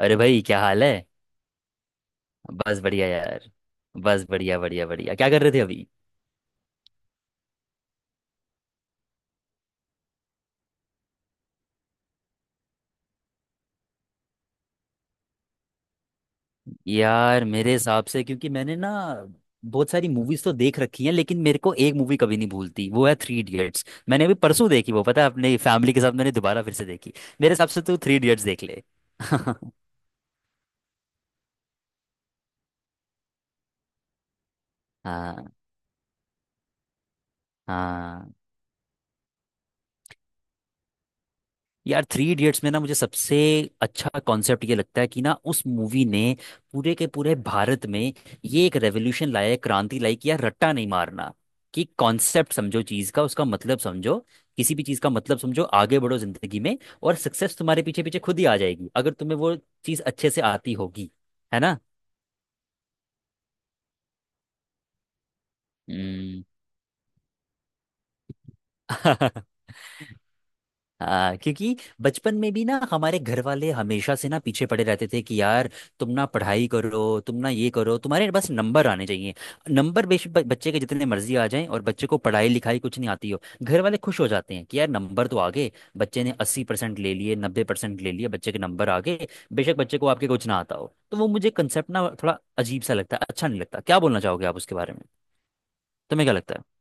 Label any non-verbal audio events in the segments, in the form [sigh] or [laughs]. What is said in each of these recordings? अरे भाई, क्या हाल है? बस बढ़िया यार। बस बढ़िया बढ़िया बढ़िया। क्या कर रहे थे अभी? यार मेरे हिसाब से, क्योंकि मैंने ना बहुत सारी मूवीज तो देख रखी हैं, लेकिन मेरे को एक मूवी कभी नहीं भूलती, वो है थ्री इडियट्स। मैंने अभी परसों देखी वो, पता है, अपनी फैमिली के साथ मैंने दोबारा फिर से देखी। मेरे हिसाब से तो थ्री इडियट्स देख ले। [laughs] हाँ। हाँ। यार थ्री इडियट्स में ना मुझे सबसे अच्छा कॉन्सेप्ट ये लगता है कि ना उस मूवी ने पूरे के पूरे भारत में ये एक रेवोल्यूशन लाया है, क्रांति लाई कि यार रट्टा नहीं मारना, कि कॉन्सेप्ट समझो चीज का, उसका मतलब समझो, किसी भी चीज का मतलब समझो, आगे बढ़ो जिंदगी में, और सक्सेस तुम्हारे पीछे पीछे खुद ही आ जाएगी अगर तुम्हें वो चीज अच्छे से आती होगी। है ना? हम्म। [laughs] हाँ, क्योंकि बचपन में भी ना हमारे घर वाले हमेशा से ना पीछे पड़े रहते थे कि यार तुम ना पढ़ाई करो, तुम ना ये करो, तुम्हारे बस नंबर आने चाहिए। नंबर बेशक बच्चे के जितने मर्जी आ जाएं और बच्चे को पढ़ाई लिखाई कुछ नहीं आती हो, घर वाले खुश हो जाते हैं कि यार नंबर तो आ गए, बच्चे ने 80% ले लिए, 90% ले लिए, बच्चे के नंबर आ गए। बेशक बच्चे को आपके कुछ ना आता हो। तो वो मुझे कंसेप्ट ना थोड़ा अजीब सा लगता है, अच्छा नहीं लगता। क्या बोलना चाहोगे आप उसके बारे में? तुम्हें क्या लगता है?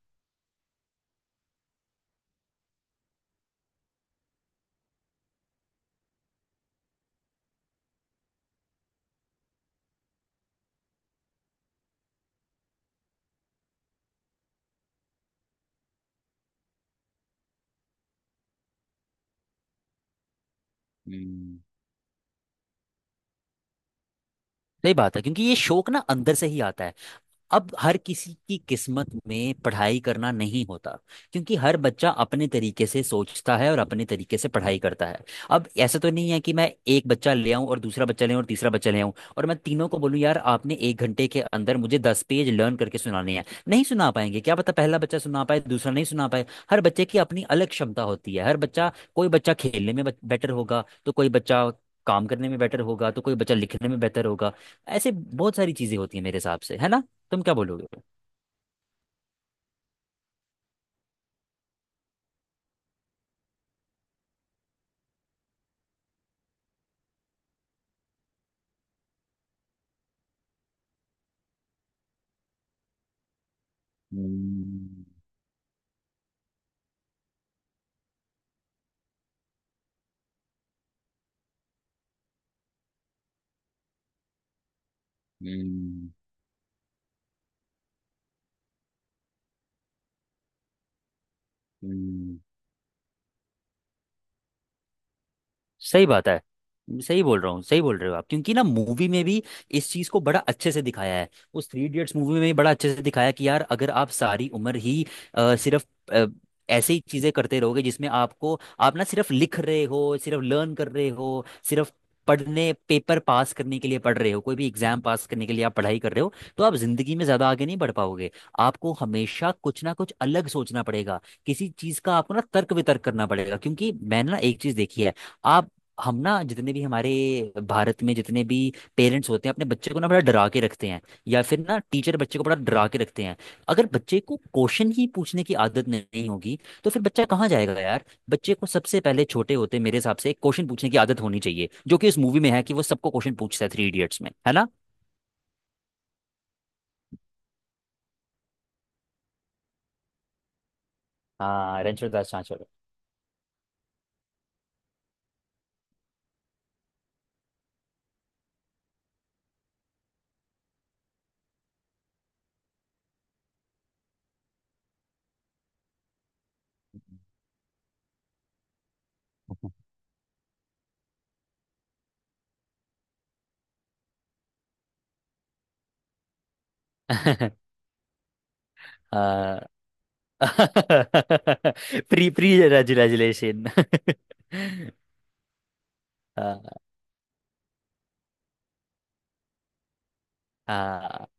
हम्म सही बात है, क्योंकि ये शौक ना अंदर से ही आता है। अब हर किसी की किस्मत में पढ़ाई करना नहीं होता, क्योंकि हर बच्चा अपने तरीके से सोचता है और अपने तरीके से पढ़ाई करता है। अब ऐसा तो नहीं है कि मैं एक बच्चा ले आऊं और दूसरा बच्चा ले आऊं और तीसरा बच्चा ले आऊं, और मैं तीनों को बोलूं यार आपने 1 घंटे के अंदर मुझे 10 पेज लर्न करके सुनाने हैं। नहीं सुना पाएंगे। क्या पता पहला बच्चा सुना पाए, दूसरा नहीं सुना पाए। हर बच्चे की अपनी अलग क्षमता होती है। हर बच्चा कोई बच्चा खेलने में बेटर होगा, तो कोई बच्चा काम करने में बेटर होगा, तो कोई बच्चा लिखने में बेहतर होगा। ऐसे बहुत सारी चीजें होती हैं मेरे हिसाब से। है ना? तुम क्या बोलोगे? हम्म, हम्म, हम्म, सही बात है। सही बोल रहे हो आप, क्योंकि ना मूवी में भी इस चीज को बड़ा अच्छे से दिखाया है। उस थ्री इडियट्स मूवी में भी बड़ा अच्छे से दिखाया कि यार अगर आप सारी उम्र ही सिर्फ अ, ऐसे ही चीजें करते रहोगे, जिसमें आपको आप ना सिर्फ लिख रहे हो, सिर्फ लर्न कर रहे हो, सिर्फ पढ़ने, पेपर पास करने के लिए पढ़ रहे हो, कोई भी एग्जाम पास करने के लिए आप पढ़ाई कर रहे हो, तो आप जिंदगी में ज्यादा आगे नहीं बढ़ पाओगे। आपको हमेशा कुछ ना कुछ अलग सोचना पड़ेगा, किसी चीज का आपको ना तर्क वितर्क करना पड़ेगा, क्योंकि मैंने ना एक चीज देखी है। आप हम ना जितने भी हमारे भारत में जितने भी पेरेंट्स होते हैं, अपने बच्चे को ना बड़ा डरा के रखते हैं, या फिर ना टीचर बच्चे को बड़ा डरा के रखते हैं। अगर बच्चे को क्वेश्चन ही पूछने की आदत नहीं होगी, तो फिर बच्चा कहाँ जाएगा यार। बच्चे को सबसे पहले छोटे होते मेरे हिसाब से क्वेश्चन पूछने की आदत होनी चाहिए, जो कि इस मूवी में है कि वो सबको क्वेश्चन पूछता है थ्री इडियट्स में। है ना? हाँ, रणछोड़ दास छाछोड़। [laughs] आ, [laughs] प्री प्री रेजुलेशन। [laughs] हाँ। हाँ।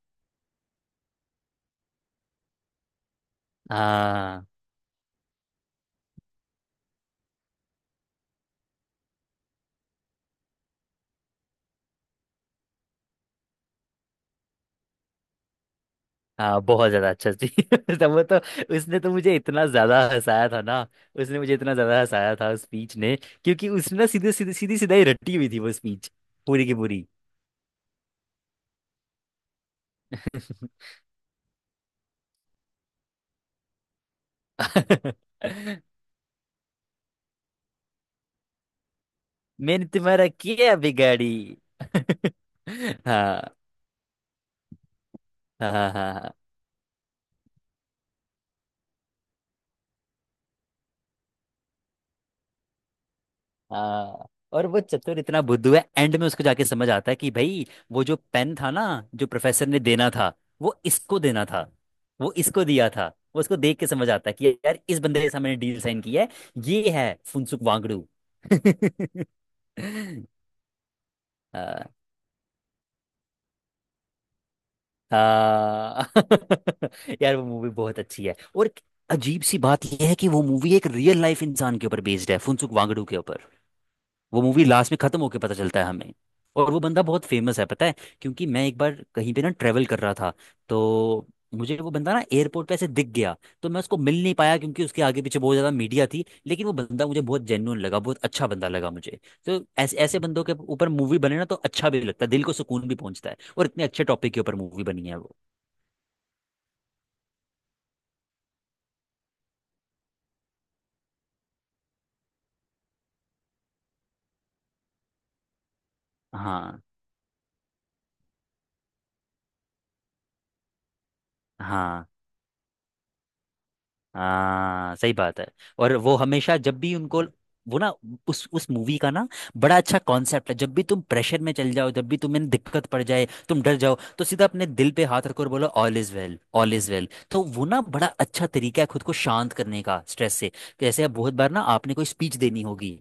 हाँ। हाँ, बहुत ज्यादा अच्छा थी। [laughs] तो वो तो उसने तो मुझे इतना ज्यादा हंसाया था ना, उसने मुझे इतना ज्यादा हंसाया था उस स्पीच ने, क्योंकि उसने ना सीधे सीधे सीधी सीधा ही रटी हुई थी वो स्पीच, पूरी की पूरी। [laughs] मैंने तुम्हारा किया बिगाड़ी। [laughs] हाँ। हाँ। हाँ। हाँ। हाँ। और वो चतुर इतना बुद्धू है, एंड में उसको जाके समझ आता है कि भाई वो जो पेन था ना, जो प्रोफेसर ने देना था, वो इसको देना था, वो इसको दिया था, वो उसको देख के समझ आता है कि यार इस बंदे के सामने डील साइन की है, ये है फुनसुक वांगड़ू। [laughs] हाँ। हाँ। [laughs] यार वो मूवी बहुत अच्छी है, और एक अजीब सी बात यह है कि वो मूवी एक रियल लाइफ इंसान के ऊपर बेस्ड है, फुनसुक वांगड़ू के। वो मूवी लास्ट में खत्म होके पता चलता है हमें। और वो बंदा बहुत फेमस है, पता है, क्योंकि मैं एक बार कहीं पे ना ट्रेवल कर रहा था, तो मुझे वो बंदा ना एयरपोर्ट पे ऐसे दिख गया। तो मैं उसको मिल नहीं पाया क्योंकि उसके आगे पीछे बहुत ज़्यादा मीडिया थी, लेकिन वो बंदा मुझे बहुत जेन्युइन लगा, बहुत अच्छा बंदा लगा मुझे। तो ऐसे ऐसे बंदों के ऊपर मूवी बने ना, तो अच्छा भी लगता है, दिल को सुकून भी पहुंचता है, और इतने अच्छे टॉपिक के ऊपर मूवी बनी है वो। हाँ, हाँ, हाँ, सही बात है। और वो हमेशा जब भी उनको वो ना उस मूवी का ना बड़ा अच्छा कॉन्सेप्ट है, जब भी तुम प्रेशर में चल जाओ, जब भी तुम्हें दिक्कत पड़ जाए, तुम डर जाओ, तो सीधा अपने दिल पे हाथ रखो और बोलो all is well, all is well. तो वो ना बड़ा अच्छा तरीका है खुद को शांत करने का स्ट्रेस से। जैसे अब बहुत बार ना आपने कोई स्पीच देनी होगी,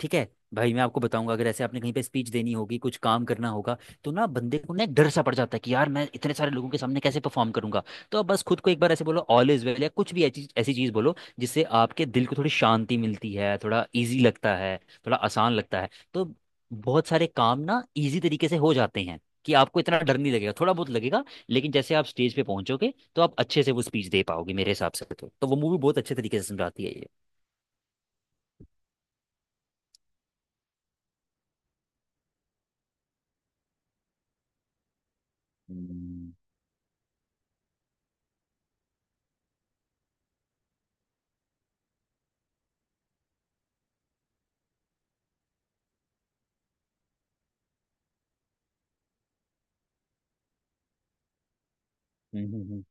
ठीक है भाई, मैं आपको बताऊंगा, अगर ऐसे आपने कहीं पे स्पीच देनी होगी, कुछ काम करना होगा, तो ना बंदे को ना एक डर सा पड़ जाता है कि यार मैं इतने सारे लोगों के सामने कैसे परफॉर्म करूंगा। तो आप बस खुद को एक बार ऐसे बोलो ऑल इज वेल, या कुछ भी ऐसी ऐसी चीज बोलो जिससे आपके दिल को थोड़ी शांति मिलती है, थोड़ा इजी लगता है, थोड़ा आसान लगता है। तो बहुत सारे काम ना इजी तरीके से हो जाते हैं, कि आपको इतना डर नहीं लगेगा, थोड़ा बहुत लगेगा, लेकिन जैसे आप स्टेज पे पहुंचोगे, तो आप अच्छे से वो स्पीच दे पाओगे मेरे हिसाब से। तो वो मूवी बहुत अच्छे तरीके से समझाती है ये। हम्म, हम्म, हम्म, हम्म।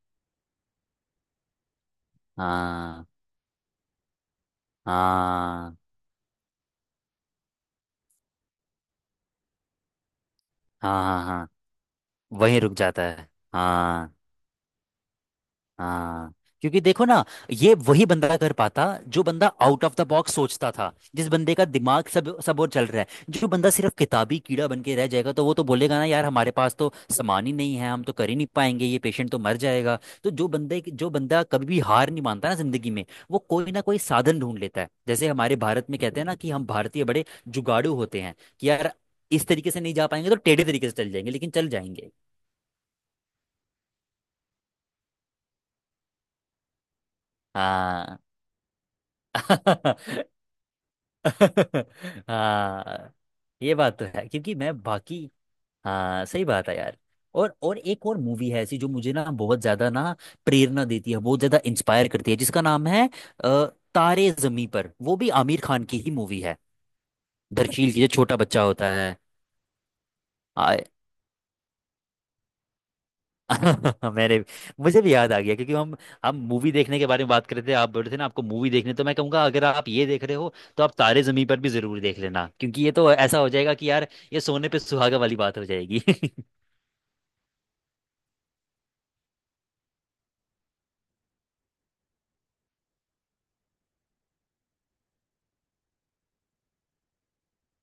हाँ। हाँ। हाँ। हाँ। हाँ, वहीं रुक जाता है। हाँ। हाँ। क्योंकि देखो ना, ये वही बंदा कर पाता जो बंदा आउट ऑफ द बॉक्स सोचता था, जिस बंदे का दिमाग सब सब और चल रहा है। जो बंदा सिर्फ किताबी कीड़ा बन के रह जाएगा, तो वो तो बोलेगा ना यार हमारे पास तो सामान ही नहीं है, हम तो कर ही नहीं पाएंगे, ये पेशेंट तो मर जाएगा। तो जो बंदा कभी भी हार नहीं मानता ना जिंदगी में, वो कोई ना कोई साधन ढूंढ लेता है। जैसे हमारे भारत में कहते हैं ना कि हम भारतीय बड़े जुगाड़ू होते हैं कि यार इस तरीके से नहीं जा पाएंगे, तो टेढ़े तरीके से चल जाएंगे, लेकिन चल जाएंगे। हाँ। [laughs] [laughs] हाँ, ये बात तो है, क्योंकि मैं बाकी, हाँ सही बात है यार। और एक और मूवी है ऐसी जो मुझे ना बहुत ज्यादा ना प्रेरणा देती है, बहुत ज्यादा इंस्पायर करती है, जिसका नाम है अ, तारे जमी पर। वो भी आमिर खान की ही मूवी है, दरकील की जो छोटा बच्चा होता है। [laughs] मेरे मुझे भी याद आ गया, क्योंकि हम मूवी देखने के बारे में बात कर रहे थे, आप बोल रहे थे ना आपको मूवी देखने, तो मैं कहूंगा अगर आप ये देख रहे हो, तो आप तारे जमीन पर भी जरूर देख लेना, क्योंकि ये तो ऐसा हो जाएगा कि यार ये सोने पे सुहागा वाली बात हो जाएगी। [laughs]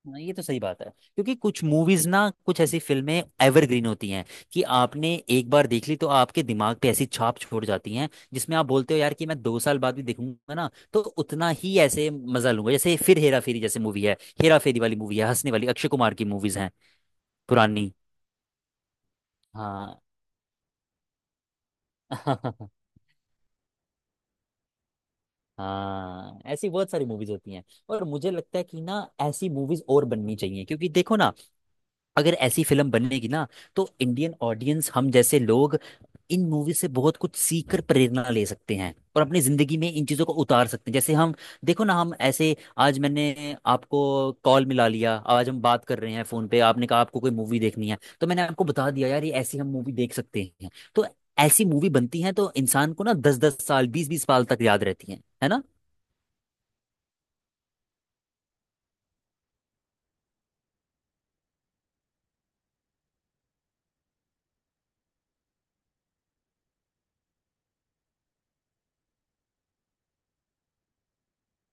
हाँ, ये तो सही बात है, क्योंकि कुछ मूवीज ना, कुछ ऐसी फिल्में एवरग्रीन होती हैं कि आपने एक बार देख ली तो आपके दिमाग पे ऐसी छाप छोड़ जाती हैं, जिसमें आप बोलते हो यार कि मैं 2 साल बाद भी देखूंगा ना, तो उतना ही ऐसे मजा लूंगा। जैसे फिर हेरा फेरी जैसे मूवी है, हेरा फेरी वाली मूवी है, हंसने वाली, अक्षय कुमार की मूवीज हैं पुरानी। हाँ। [laughs] हाँ, ऐसी बहुत सारी मूवीज होती हैं। और मुझे लगता है कि ना ऐसी मूवीज और बननी चाहिए, क्योंकि देखो ना, अगर ऐसी फिल्म बनेगी ना, तो इंडियन ऑडियंस हम जैसे लोग इन मूवी से बहुत कुछ सीख कर प्रेरणा ले सकते हैं, और अपनी जिंदगी में इन चीजों को उतार सकते हैं। जैसे हम, देखो ना हम ऐसे, आज मैंने आपको कॉल मिला लिया, आज हम बात कर रहे हैं फोन पे, आपने कहा आपको कोई मूवी देखनी है, तो मैंने आपको बता दिया यार ये ऐसी हम मूवी देख सकते हैं। तो ऐसी मूवी बनती है, तो इंसान को ना 10 10 साल, 20 20 साल तक याद रहती है। है ना?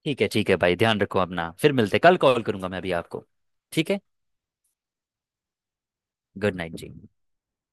ठीक है, ठीक है भाई, ध्यान रखो अपना, फिर मिलते हैं। कल कॉल करूंगा मैं अभी आपको। ठीक है। गुड नाइट जी।